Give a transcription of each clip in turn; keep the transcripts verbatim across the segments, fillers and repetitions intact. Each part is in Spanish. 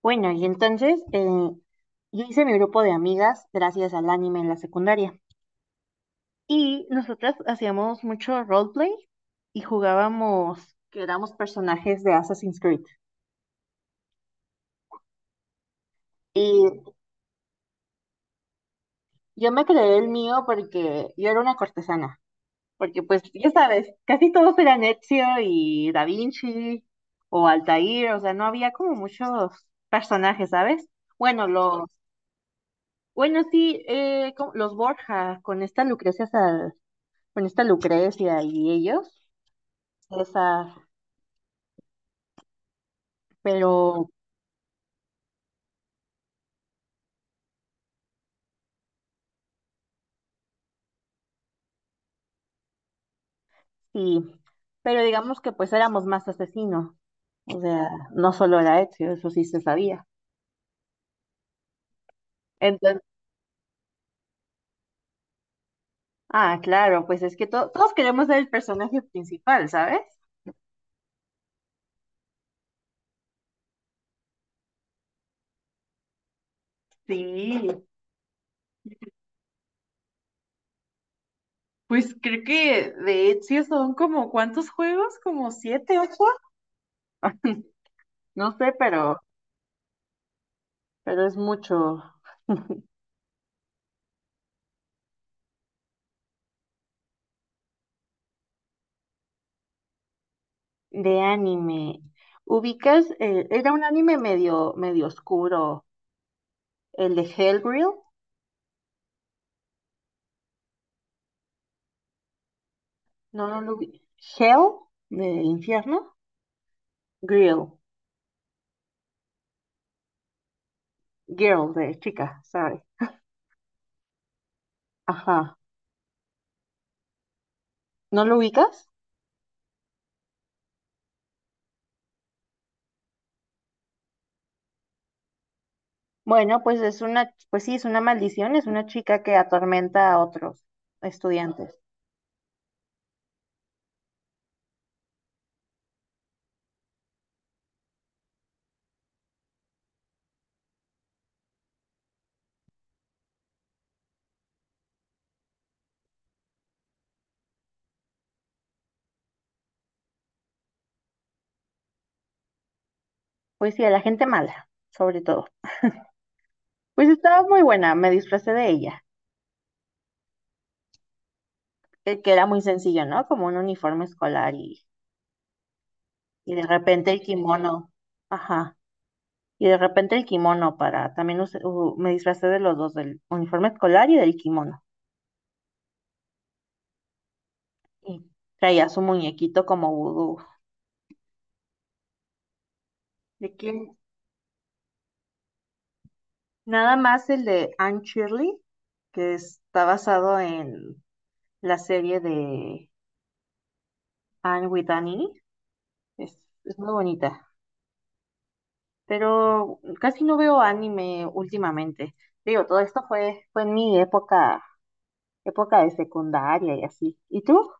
Bueno, y entonces eh, yo hice mi grupo de amigas gracias al anime en la secundaria. Y nosotras hacíamos mucho roleplay y jugábamos que éramos personajes de Assassin's Creed. Y yo me creé el mío porque yo era una cortesana. Porque pues, ya sabes, casi todos eran Ezio y Da Vinci o Altair. O sea, no había como muchos personajes, ¿sabes? Bueno, los... Bueno, sí, eh, como- los Borja con esta Lucrecia con esta Lucrecia y ellos, esa, pero sí, pero digamos que pues éramos más asesinos, o sea, no solo era Ezio, eso sí se sabía. Entonces, ah, claro, pues es que to- todos queremos ser el personaje principal, ¿sabes? Sí, pues creo que de Ezio son como, ¿cuántos juegos? ¿Como siete, ocho? No sé, pero, pero es mucho de anime. ¿Ubicas? eh, era un anime medio, medio oscuro, el de Hellgrill. No, no lo vi. Hell, de infierno. Girl, girl, de chica, sorry. Ajá. ¿No lo ubicas? Bueno, pues es una, pues sí, es una maldición, es una chica que atormenta a otros estudiantes. Pues sí, a la gente mala, sobre todo. Pues estaba muy buena, me disfracé de ella, que, que era muy sencillo, ¿no? Como un uniforme escolar y, y de repente el kimono. Ajá. Y de repente el kimono para, también usé- u- me disfracé de los dos, del uniforme escolar y del kimono. Y traía su muñequito como vudú. ¿De quién? Nada más el de Anne Shirley, que está basado en la serie de Anne with Annie. Es, es muy bonita, pero casi no veo anime últimamente. Digo, todo esto fue, fue en mi época, época de secundaria y así. ¿Y tú?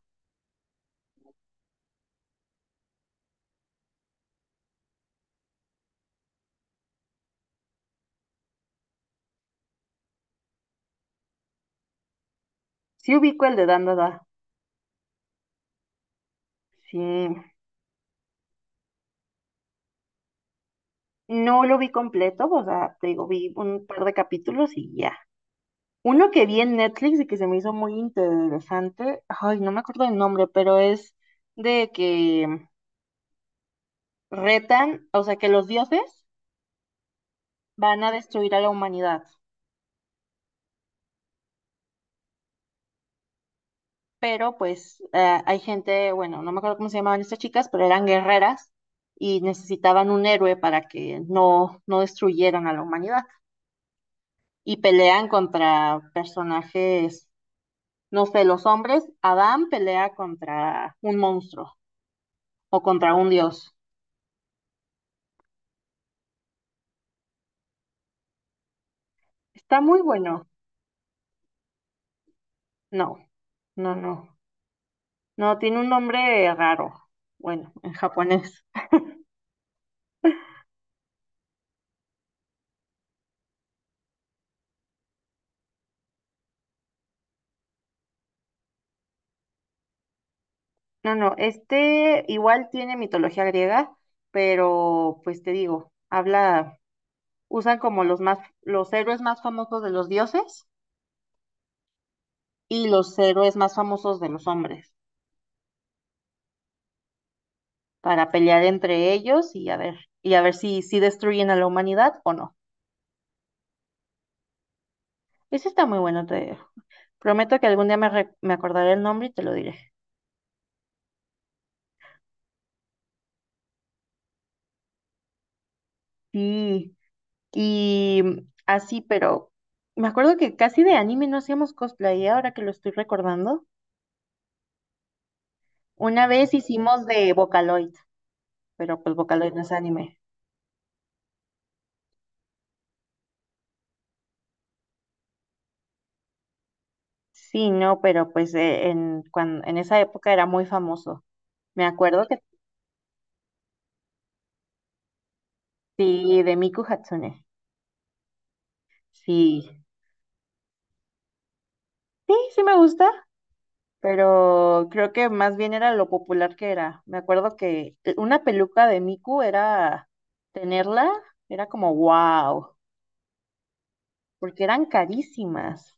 Sí ubico el de Dandada. Sí, no lo vi completo, o sea, te digo, vi un par de capítulos y ya. Uno que vi en Netflix y que se me hizo muy interesante, ay, no me acuerdo el nombre, pero es de que retan, o sea, que los dioses van a destruir a la humanidad, pero pues eh, hay gente, bueno, no me acuerdo cómo se llamaban estas chicas, pero eran guerreras y necesitaban un héroe para que no, no destruyeran a la humanidad y pelean contra personajes, no sé, los hombres, Adán pelea contra un monstruo o contra un dios. Está muy bueno. No, no, no. No, tiene un nombre raro. Bueno, en japonés. No, no, este igual tiene mitología griega, pero pues te digo, habla, usan como los más, los héroes más famosos de los dioses y los héroes más famosos de los hombres para pelear entre ellos y a ver, y a ver si, si destruyen a la humanidad o no. Ese está muy bueno, te prometo que algún día me, re- me acordaré el nombre y te lo diré. Sí. Y así, pero me acuerdo que casi de anime no hacíamos cosplay, ¿eh? Ahora que lo estoy recordando. Una vez hicimos de Vocaloid, pero pues Vocaloid no es anime. Sí, no, pero pues eh, en, cuan- en esa época era muy famoso. Me acuerdo que sí, de Miku Hatsune. Sí, sí, sí me gusta, pero creo que más bien era lo popular que era. Me acuerdo que una peluca de Miku era tenerla, era como wow, porque eran carísimas.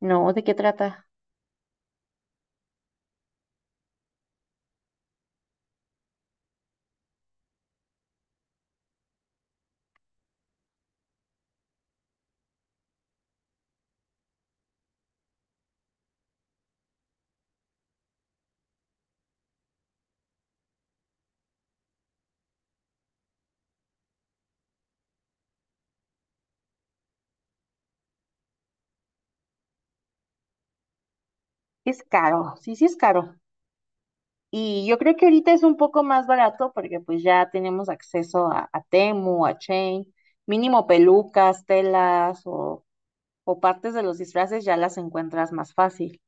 No, ¿de qué trata? Es caro, sí, sí es caro. Y yo creo que ahorita es un poco más barato porque pues ya tenemos acceso a, a Temu, a Chain, mínimo pelucas, telas o, o partes de los disfraces ya las encuentras más fácil.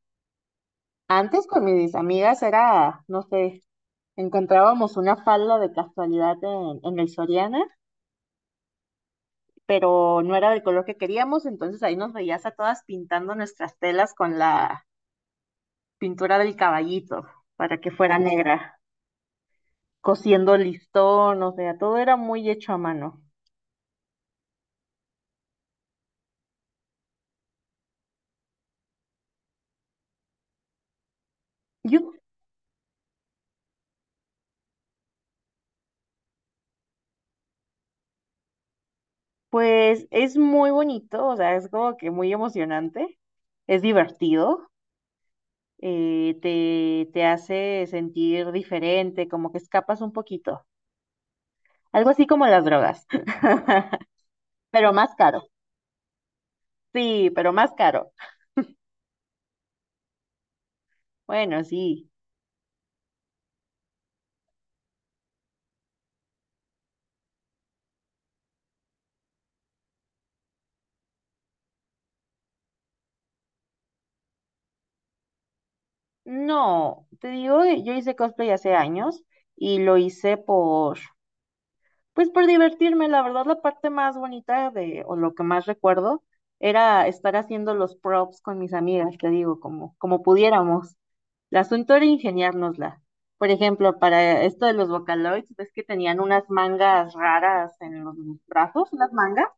Antes con mis amigas era, no sé, encontrábamos una falda de casualidad en, en el Soriana, pero no era del color que queríamos, entonces ahí nos veías a todas pintando nuestras telas con la pintura del caballito para que fuera negra. Cosiendo listón, o sea, todo era muy hecho a mano. Yo, pues es muy bonito, o sea, es como que muy emocionante, es divertido, eh, te, te hace sentir diferente, como que escapas un poquito, algo así como las drogas, pero más caro, sí, pero más caro. Bueno, sí, no, te digo, yo hice cosplay hace años y lo hice por, pues por divertirme, la verdad, la parte más bonita de, o lo que más recuerdo, era estar haciendo los props con mis amigas, te digo, como, como pudiéramos. El asunto era ingeniárnosla. Por ejemplo, para esto de los Vocaloids, ves que tenían unas mangas raras en los brazos, unas mangas.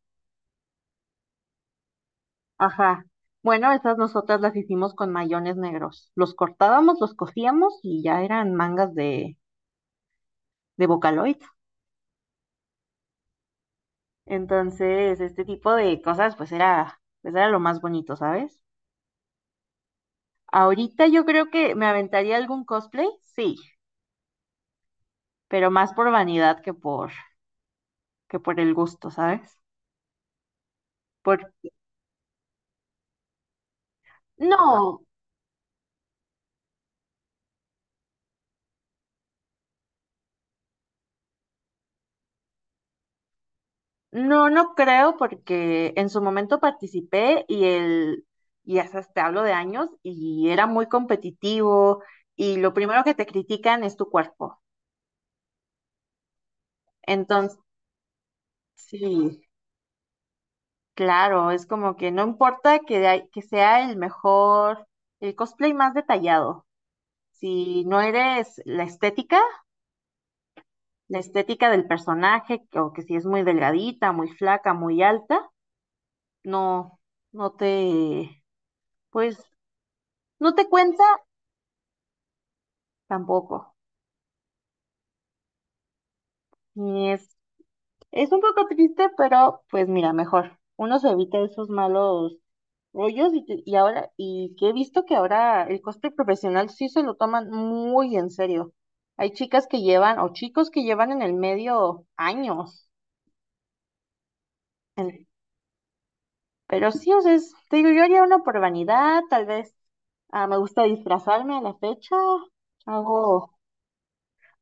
Ajá. Bueno, esas nosotras las hicimos con mayones negros. Los cortábamos, los cosíamos y ya eran mangas de, de Vocaloid. Entonces, este tipo de cosas, pues era, pues era lo más bonito, ¿sabes? Ahorita yo creo que me aventaría algún cosplay, sí, pero más por vanidad que por, que por el gusto, ¿sabes? Por, no, no, no creo, porque en su momento participé y el, y hasta te hablo de años, y era muy competitivo, y lo primero que te critican es tu cuerpo. Entonces, sí. Claro, es como que no importa que, de ahí- que sea el mejor, el cosplay más detallado. Si no eres la estética, la estética del personaje, que- o que si es muy delgadita, muy flaca, muy alta, no, no te, pues, no te cuenta tampoco. Y es, es un poco triste, pero pues mira, mejor. Uno se evita esos malos rollos y, te- y ahora, y que he visto que ahora el cosplay profesional sí se lo toman muy en serio. Hay chicas que llevan, o chicos que llevan en el medio años. en- pero sí, o sea, es- te digo, yo haría uno por vanidad, tal vez ah, me gusta disfrazarme a la fecha. Hago,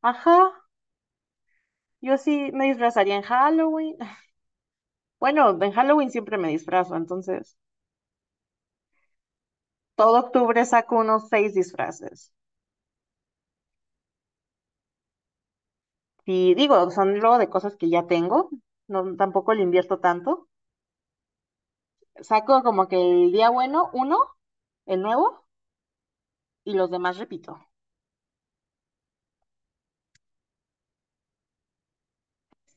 ajá, yo sí me disfrazaría en Halloween. Bueno, en Halloween siempre me disfrazo, entonces todo octubre saco unos seis disfraces. Sí, digo, son luego de cosas que ya tengo, no, tampoco le invierto tanto. Saco como que el día bueno, uno, el nuevo, y los demás repito.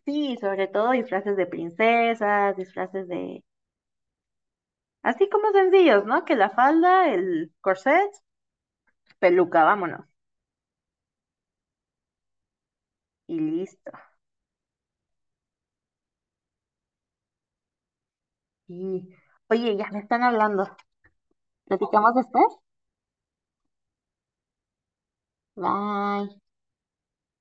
Sí, sobre todo disfraces de princesas, disfraces de... Así como sencillos, ¿no? Que la falda, el corset, peluca, vámonos. Y listo. Sí. Oye, ya me están hablando. ¿Platicamos después? Bye.